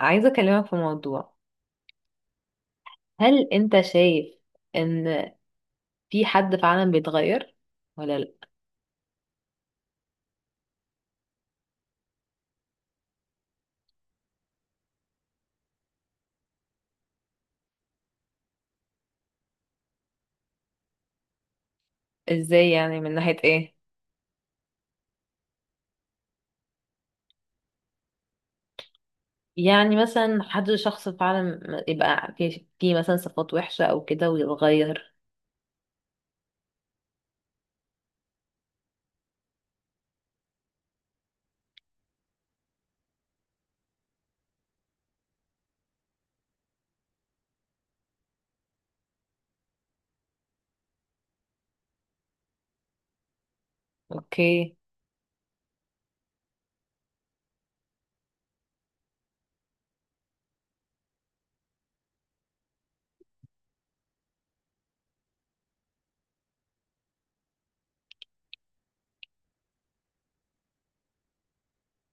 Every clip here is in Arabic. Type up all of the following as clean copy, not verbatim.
عايزة أكلمك في موضوع. هل أنت شايف إن في حد فعلا بيتغير ولا لأ؟ إزاي يعني من ناحية إيه؟ يعني مثلا حد شخص فعلا يبقى في مثلا صفات وحشة أو كده ويتغير. أوكي.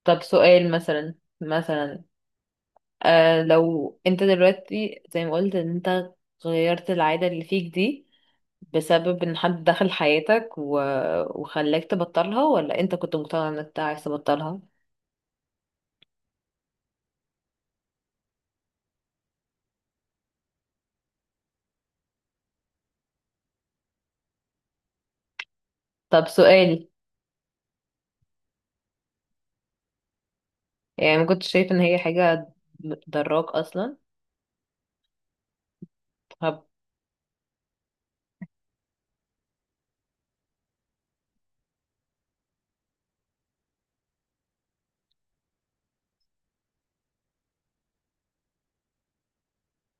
طب سؤال مثلا. مثلا لو أنت دلوقتي زي ما قلت إن أنت غيرت العادة اللي فيك دي، بسبب إن حد دخل حياتك وخلاك تبطلها، ولا أنت كنت مقتنع إنك أنت عايز تبطلها؟ طب سؤال، يعني ما كنتش شايفة ان هي حاجة ضراك اصلا؟ طب.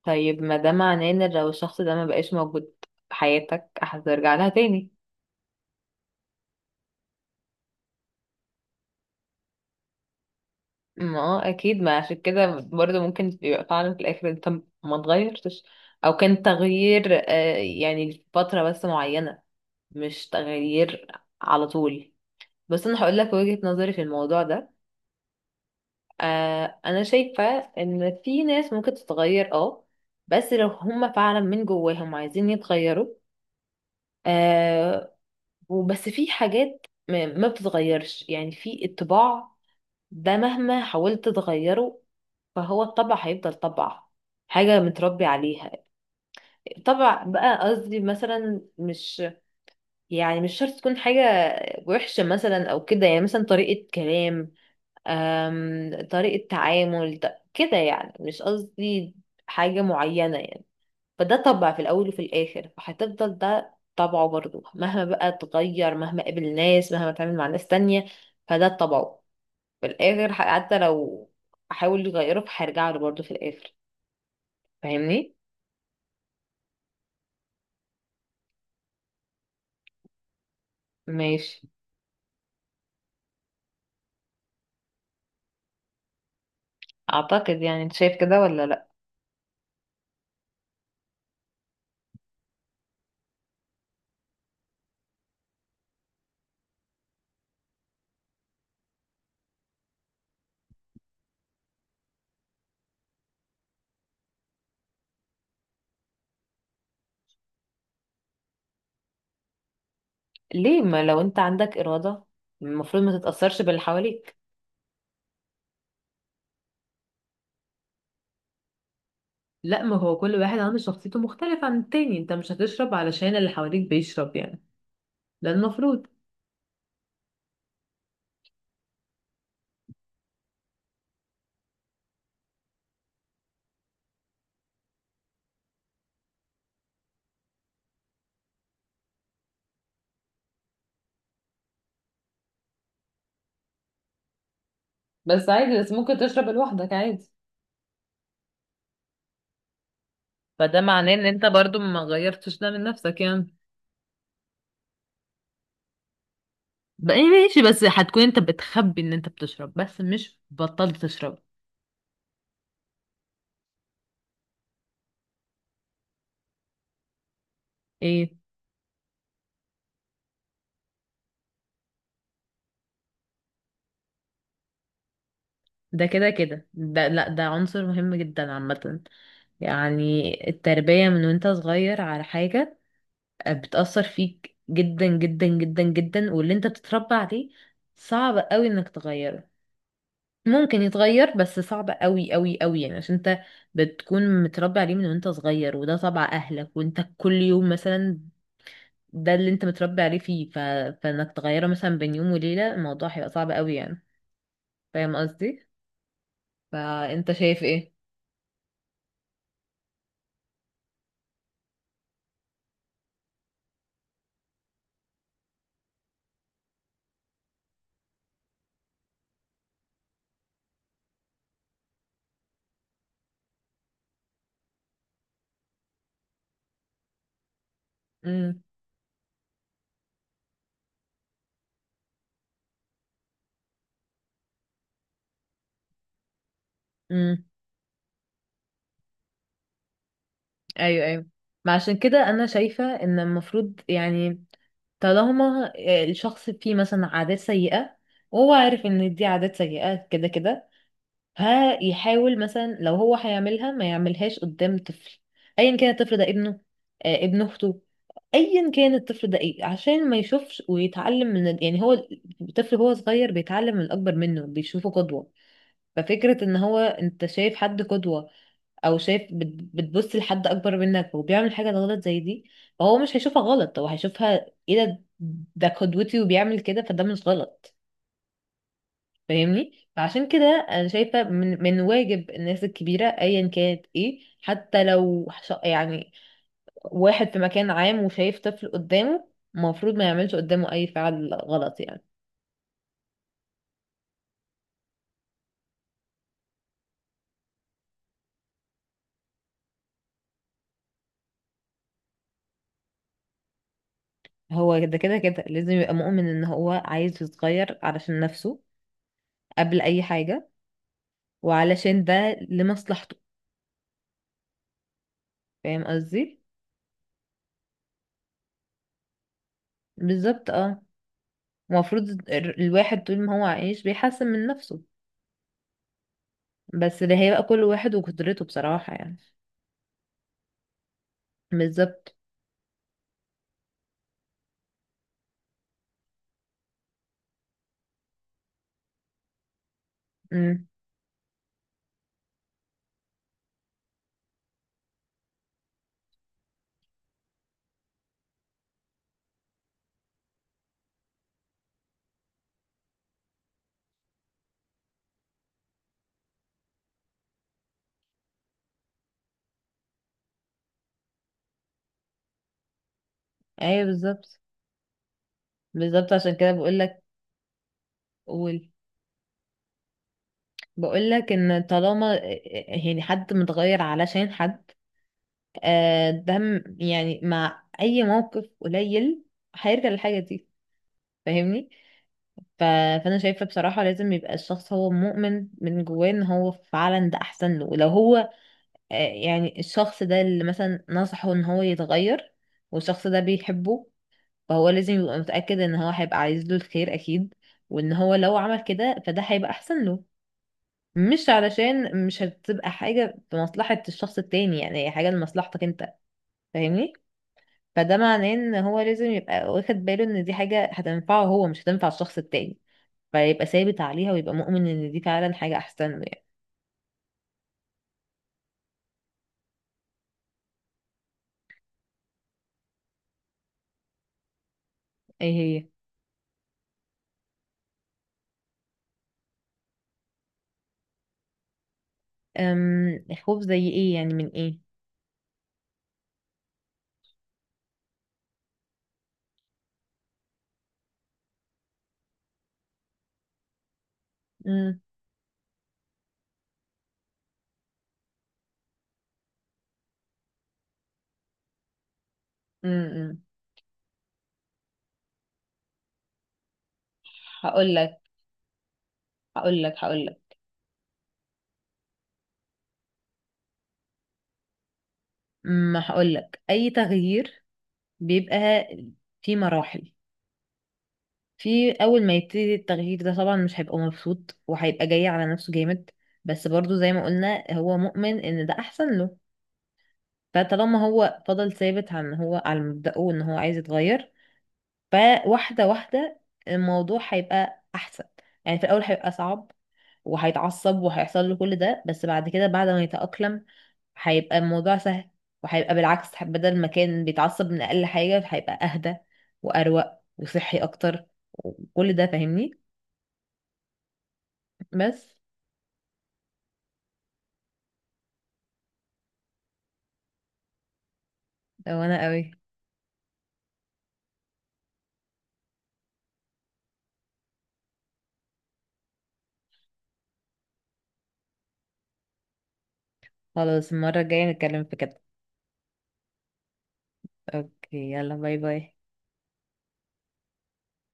طيب ما ده معناه ان لو الشخص ده ما بقاش موجود في حياتك هترجع لها تاني. ما هو اكيد، ما عشان كده برضه ممكن يبقى فعلا في الاخر انت ما اتغيرتش، او كان تغيير يعني لفترة بس معينة، مش تغيير على طول. بس انا هقول لك وجهة نظري في الموضوع ده. انا شايفة ان في ناس ممكن تتغير اه، بس لو هما فعلا من جواهم عايزين يتغيروا، آه. وبس في حاجات ما بتتغيرش، يعني في الطباع ده مهما حاولت تغيره فهو الطبع هيفضل طبع، حاجة متربي عليها. طبع بقى قصدي، مثلا مش يعني مش شرط تكون حاجة وحشة مثلا أو كده، يعني مثلا طريقة كلام، آم طريقة تعامل كده، يعني مش قصدي حاجة معينة يعني. فده طبع في الأول وفي الآخر، فهتفضل ده طبعه برضه مهما بقى اتغير، مهما قابل ناس، مهما اتعامل مع ناس تانية، فده طبعه في الآخر. حتى لو أحاول يغيره فهيرجع له برضه في الآخر. فاهمني؟ ماشي. أعتقد، يعني أنت شايف كده ولا لأ؟ ليه؟ ما لو أنت عندك إرادة المفروض ما تتأثرش باللي حواليك. لا، ما هو كل واحد عنده شخصيته مختلفة عن التاني، انت مش هتشرب علشان اللي حواليك بيشرب يعني. ده المفروض. بس عادي، بس ممكن تشرب لوحدك عادي. فده معناه ان انت برضو ما غيرتش ده من نفسك يعني. بقى إيه ماشي، بس هتكون انت بتخبي ان انت بتشرب، بس مش بطلت تشرب. ايه ده؟ كده كده ده، لا ده عنصر مهم جدا عامة. يعني التربية من وانت صغير على حاجة بتأثر فيك جدا جدا جدا جدا، واللي انت بتتربى عليه صعب قوي انك تغيره. ممكن يتغير، بس صعب قوي قوي قوي، يعني عشان انت بتكون متربي عليه من وانت صغير، وده طبع اهلك، وانت كل يوم مثلا ده اللي انت متربي عليه فانك تغيره مثلا بين يوم وليلة الموضوع هيبقى صعب قوي يعني. فاهم قصدي؟ فانت شايف ايه؟ امم. امم. ايوه، ايوه. ما عشان كده انا شايفة ان المفروض يعني، طالما الشخص فيه مثلا عادات سيئة، وهو عارف ان دي عادات سيئة كده كده، ها يحاول مثلا لو هو هيعملها ما يعملهاش قدام طفل. ايا كان الطفل ده، ابنه، آه ابن اخته، ايا كان الطفل ده ايه، عشان ما يشوفش ويتعلم يعني هو الطفل هو صغير بيتعلم من الاكبر منه، بيشوفه قدوة. ففكرة ان هو، انت شايف حد قدوة، او شايف بتبص لحد اكبر منك وبيعمل حاجة غلط زي دي، فهو مش هيشوفها غلط، هو هيشوفها ايه؟ ده ده قدوتي وبيعمل كده فده مش غلط. فاهمني؟ فعشان كده انا شايفه من واجب الناس الكبيره ايا كانت ايه، حتى لو يعني واحد في مكان عام وشايف طفل قدامه، المفروض ما يعملش قدامه اي فعل غلط يعني. هو كده كده كده لازم يبقى مؤمن ان هو عايز يتغير علشان نفسه قبل اي حاجه، وعلشان ده لمصلحته. فاهم قصدي؟ بالظبط اه. المفروض الواحد طول ما هو عايش بيحسن من نفسه، بس ده هيبقى كل واحد وقدرته بصراحه يعني. بالظبط. إمم. ايوه بالظبط. بالظبط عشان كده بقول لك. قول. بقول لك ان طالما، يعني حد متغير علشان حد، ده يعني مع اي موقف قليل هيرجع للحاجه دي. فاهمني؟ ف... فانا شايفه بصراحه لازم يبقى الشخص هو مؤمن من جواه ان هو فعلا ده احسن له، ولو هو يعني الشخص ده اللي مثلا نصحه ان هو يتغير والشخص ده بيحبه، فهو لازم يبقى متاكد ان هو هيبقى عايز له الخير اكيد، وان هو لو عمل كده فده هيبقى احسن له. مش علشان، مش هتبقى حاجة في مصلحة الشخص التاني، يعني هي حاجة لمصلحتك انت. فاهمني؟ فده معناه ان هو لازم يبقى واخد باله ان دي حاجة هتنفعه هو، مش هتنفع الشخص التاني، فيبقى ثابت عليها ويبقى مؤمن ان دي فعلا حاجة احسن له يعني. ايه هي؟ أم خوف زي ايه يعني، من ايه؟ أم، أم، أم. هقول لك. هقول لك. ما هقول لك، اي تغيير بيبقى في مراحل. في اول ما يبتدي التغيير ده طبعا مش هيبقى مبسوط، وهيبقى جاي على نفسه جامد، بس برضو زي ما قلنا هو مؤمن ان ده احسن له. فطالما هو فضل ثابت عن هو على مبدأه ان هو عايز يتغير، فواحدة واحدة الموضوع هيبقى احسن. يعني في الاول هيبقى صعب وهيتعصب وهيحصل له كل ده، بس بعد كده بعد ما يتأقلم هيبقى الموضوع سهل. وهيبقى بالعكس، بدل ما كان بيتعصب من اقل حاجة هيبقى اهدى واروق وصحي اكتر وكل ده. فاهمني؟ بس. وانا قوي. خلاص المرة الجاية نتكلم في كده. اوكي، يلا باي باي.